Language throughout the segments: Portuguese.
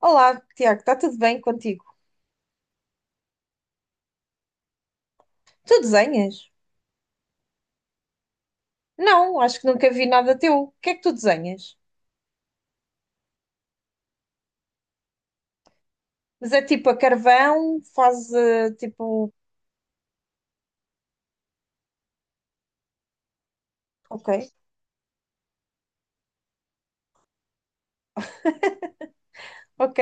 Olá, Tiago, está tudo bem contigo? Tu desenhas? Não, acho que nunca vi nada teu. O que é que tu desenhas? Mas é tipo a carvão, faz tipo. Ok, ok.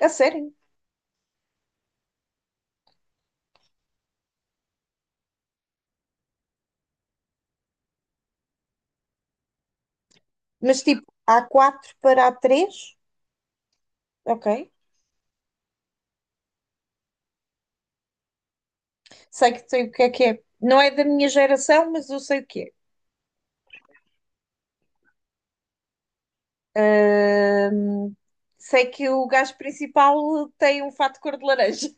A sério. Mas tipo, a quatro para a três? Ok. Sei que sei o que é que é. Não é da minha geração, mas eu sei o que é. Ah, sei que o gajo principal tem um fato de cor de laranja.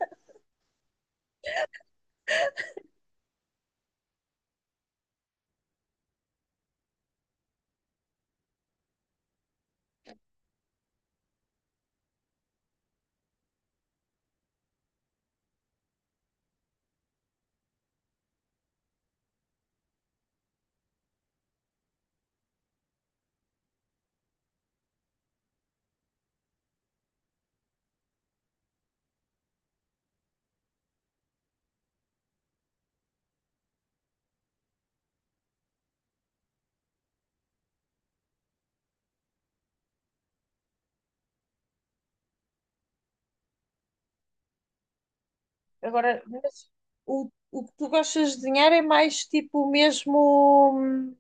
Agora, mas o que tu gostas de desenhar é mais tipo o mesmo.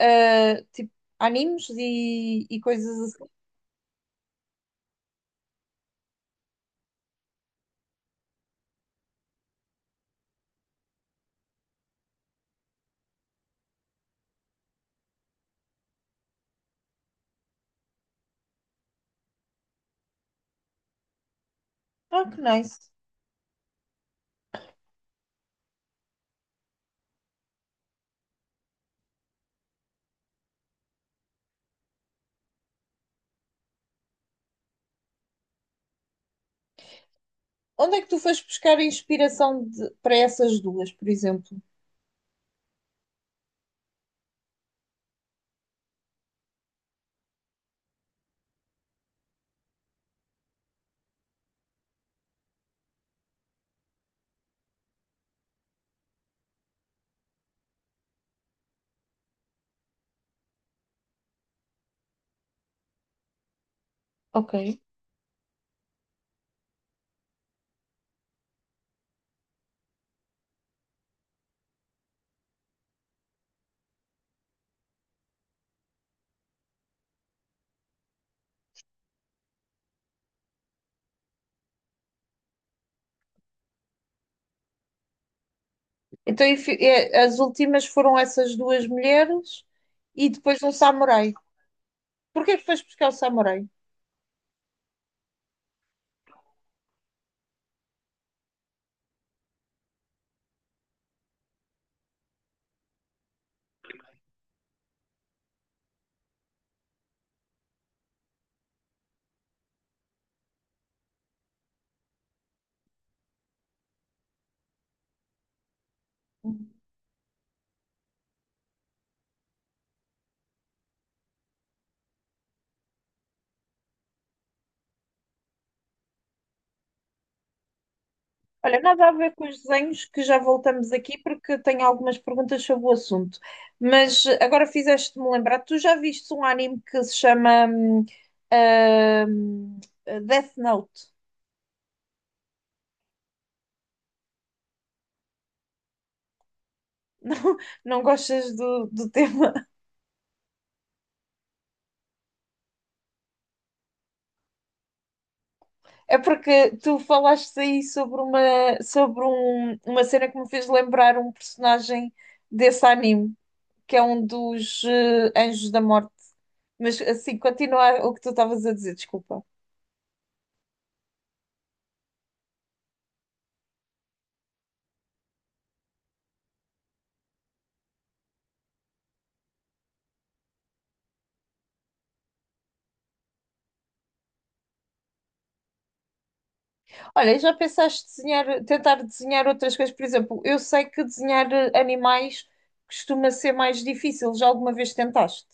Ah, tipo, animes e coisas assim. Ah, que nice. Onde é que tu foste buscar a inspiração de- para essas duas, por exemplo? Ok. Então, e fi- e as últimas foram essas duas mulheres e depois um samurai. Porquê é que foste buscar o samurai? Olha, nada a ver com os desenhos, que já voltamos aqui porque tenho algumas perguntas sobre o assunto. Mas agora fizeste-me lembrar, tu já viste um anime que se chama hum, Death Note? Não, não gostas do tema? É porque tu falaste aí sobre uma, sobre um- uma cena que me fez lembrar um personagem desse anime, que é um dos Anjos da Morte. Mas assim, continua o que tu estavas a dizer, desculpa. Olha, e já pensaste desenhar, tentar desenhar outras coisas? Por exemplo, eu sei que desenhar animais costuma ser mais difícil. Já alguma vez tentaste?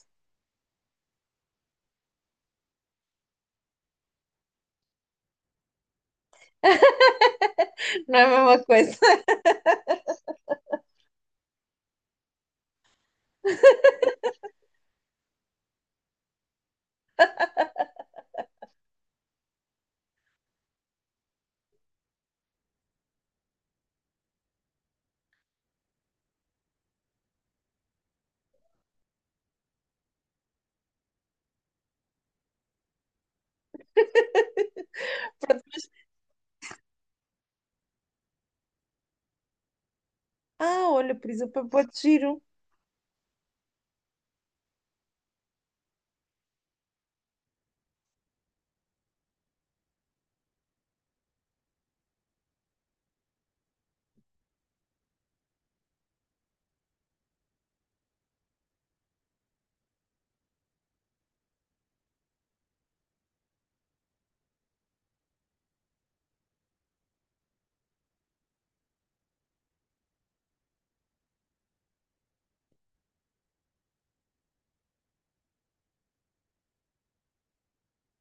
Não é a mesma coisa. Ah, olha, por exemplo, pode giro.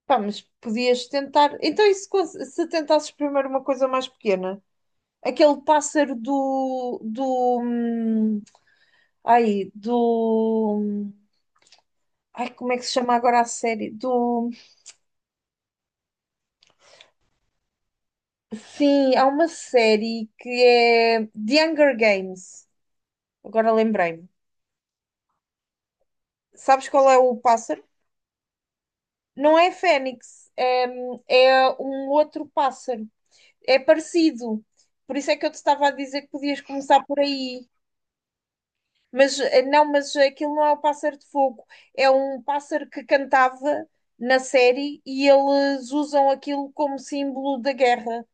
Pá, mas podias tentar. Então, e se, cons- se tentasses primeiro uma coisa mais pequena? Aquele pássaro do, como é que se chama agora a série? Do, sim, há uma série que é The Hunger Games. Agora lembrei-me. Sabes qual é o pássaro? Não é fênix, é, é um outro pássaro. É parecido. Por isso é que eu te estava a dizer que podias começar por aí. Mas não, mas aquilo não é o pássaro de fogo. É um pássaro que cantava na série e eles usam aquilo como símbolo da guerra.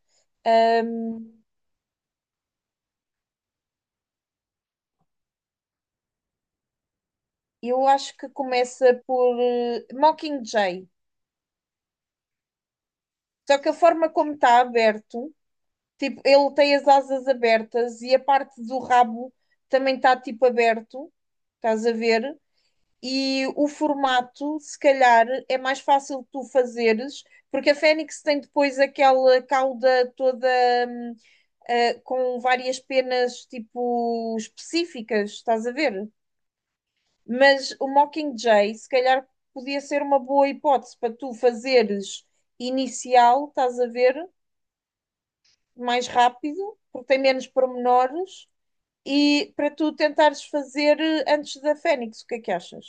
Eu acho que começa por Mockingjay. Só que a forma como está aberto. Tipo, ele tem as asas abertas e a parte do rabo também está tipo aberto, estás a ver? E o formato, se calhar, é mais fácil tu fazeres, porque a Fênix tem depois aquela cauda toda hum, com várias penas tipo específicas, estás a ver? Mas o Mockingjay, se calhar, podia ser uma boa hipótese para tu fazeres inicial, estás a ver? Mais rápido, porque tem menos pormenores e para tu tentares fazer antes da Fênix, o que é que achas?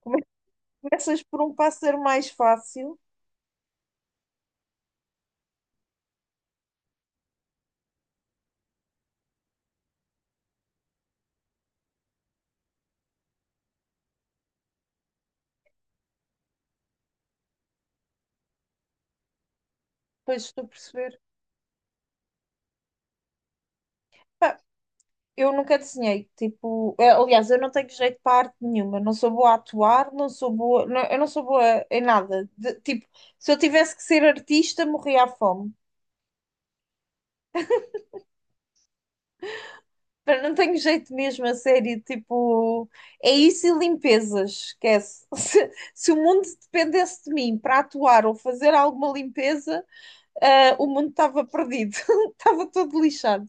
Como é que começas por um pássaro mais fácil, depois tu perceber. Pá, eu nunca desenhei, tipo, aliás, eu não tenho jeito para arte nenhuma, não sou boa a atuar, não sou boa, não- eu não sou boa em nada. De- tipo, se eu tivesse que ser artista, morria à fome. Pá, não tenho jeito mesmo, a sério, tipo, é isso e limpezas, esquece. Se o mundo dependesse de mim para atuar ou fazer alguma limpeza, ah, o mundo estava perdido, estava todo lixado.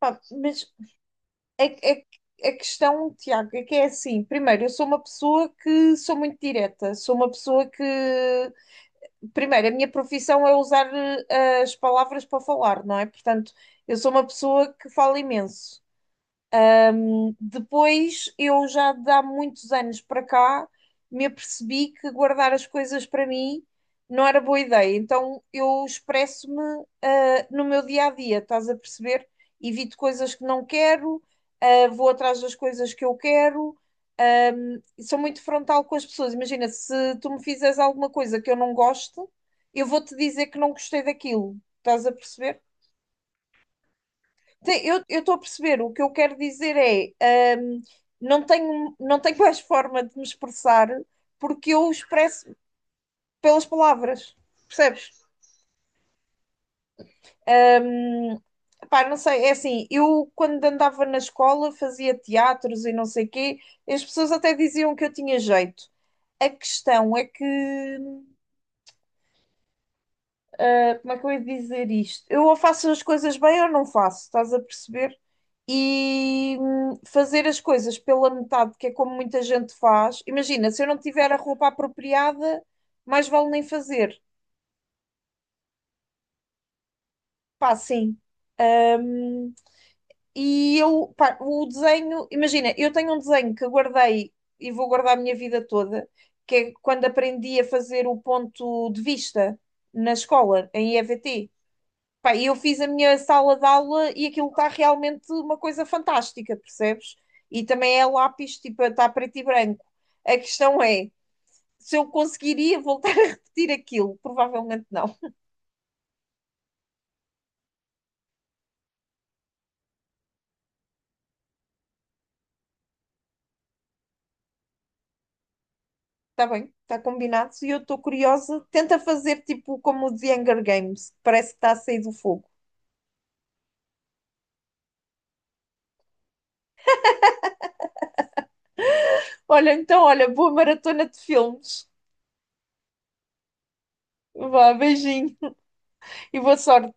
Pá, mas é, é, a questão, Tiago, é que é assim: primeiro, eu sou uma pessoa que sou muito direta, sou uma pessoa que. Primeiro, a minha profissão é usar as palavras para falar, não é? Portanto, eu sou uma pessoa que fala imenso. Depois, eu já de há muitos anos para cá me apercebi que guardar as coisas para mim não era boa ideia. Então, eu expresso-me, ah, no meu dia a dia, estás a perceber? Evito coisas que não quero, ah, vou atrás das coisas que eu quero. Um, e sou muito frontal com as pessoas. Imagina, se tu me fizeres alguma coisa que eu não gosto, eu vou-te dizer que não gostei daquilo. Estás a perceber? Sim, eu estou a perceber. O que eu quero dizer é, não tenho mais forma de me expressar porque eu expresso pelas palavras, percebes? Pá, não sei, é assim, eu quando andava na escola fazia teatros e não sei quê, as pessoas até diziam que eu tinha jeito. A questão é que como é que eu ia dizer isto? Eu ou faço as coisas bem ou não faço, estás a perceber? E fazer as coisas pela metade, que é como muita gente faz. Imagina, se eu não tiver a roupa apropriada, mais vale nem fazer. Pá, sim. Hum, e eu, pá, o desenho, imagina, eu tenho um desenho que guardei e vou guardar a minha vida toda, que é quando aprendi a fazer o ponto de vista na escola, em EVT. Pá, e eu fiz a minha sala de aula e aquilo está realmente uma coisa fantástica, percebes? E também é lápis, tipo, está preto e branco. A questão é, se eu conseguiria voltar a repetir aquilo, provavelmente não. Está bem, está combinado. E eu estou curiosa. Tenta fazer tipo como o The Hunger Games, que parece que está a sair do fogo. Olha, então, olha, boa maratona de filmes. Vá, beijinho e boa sorte.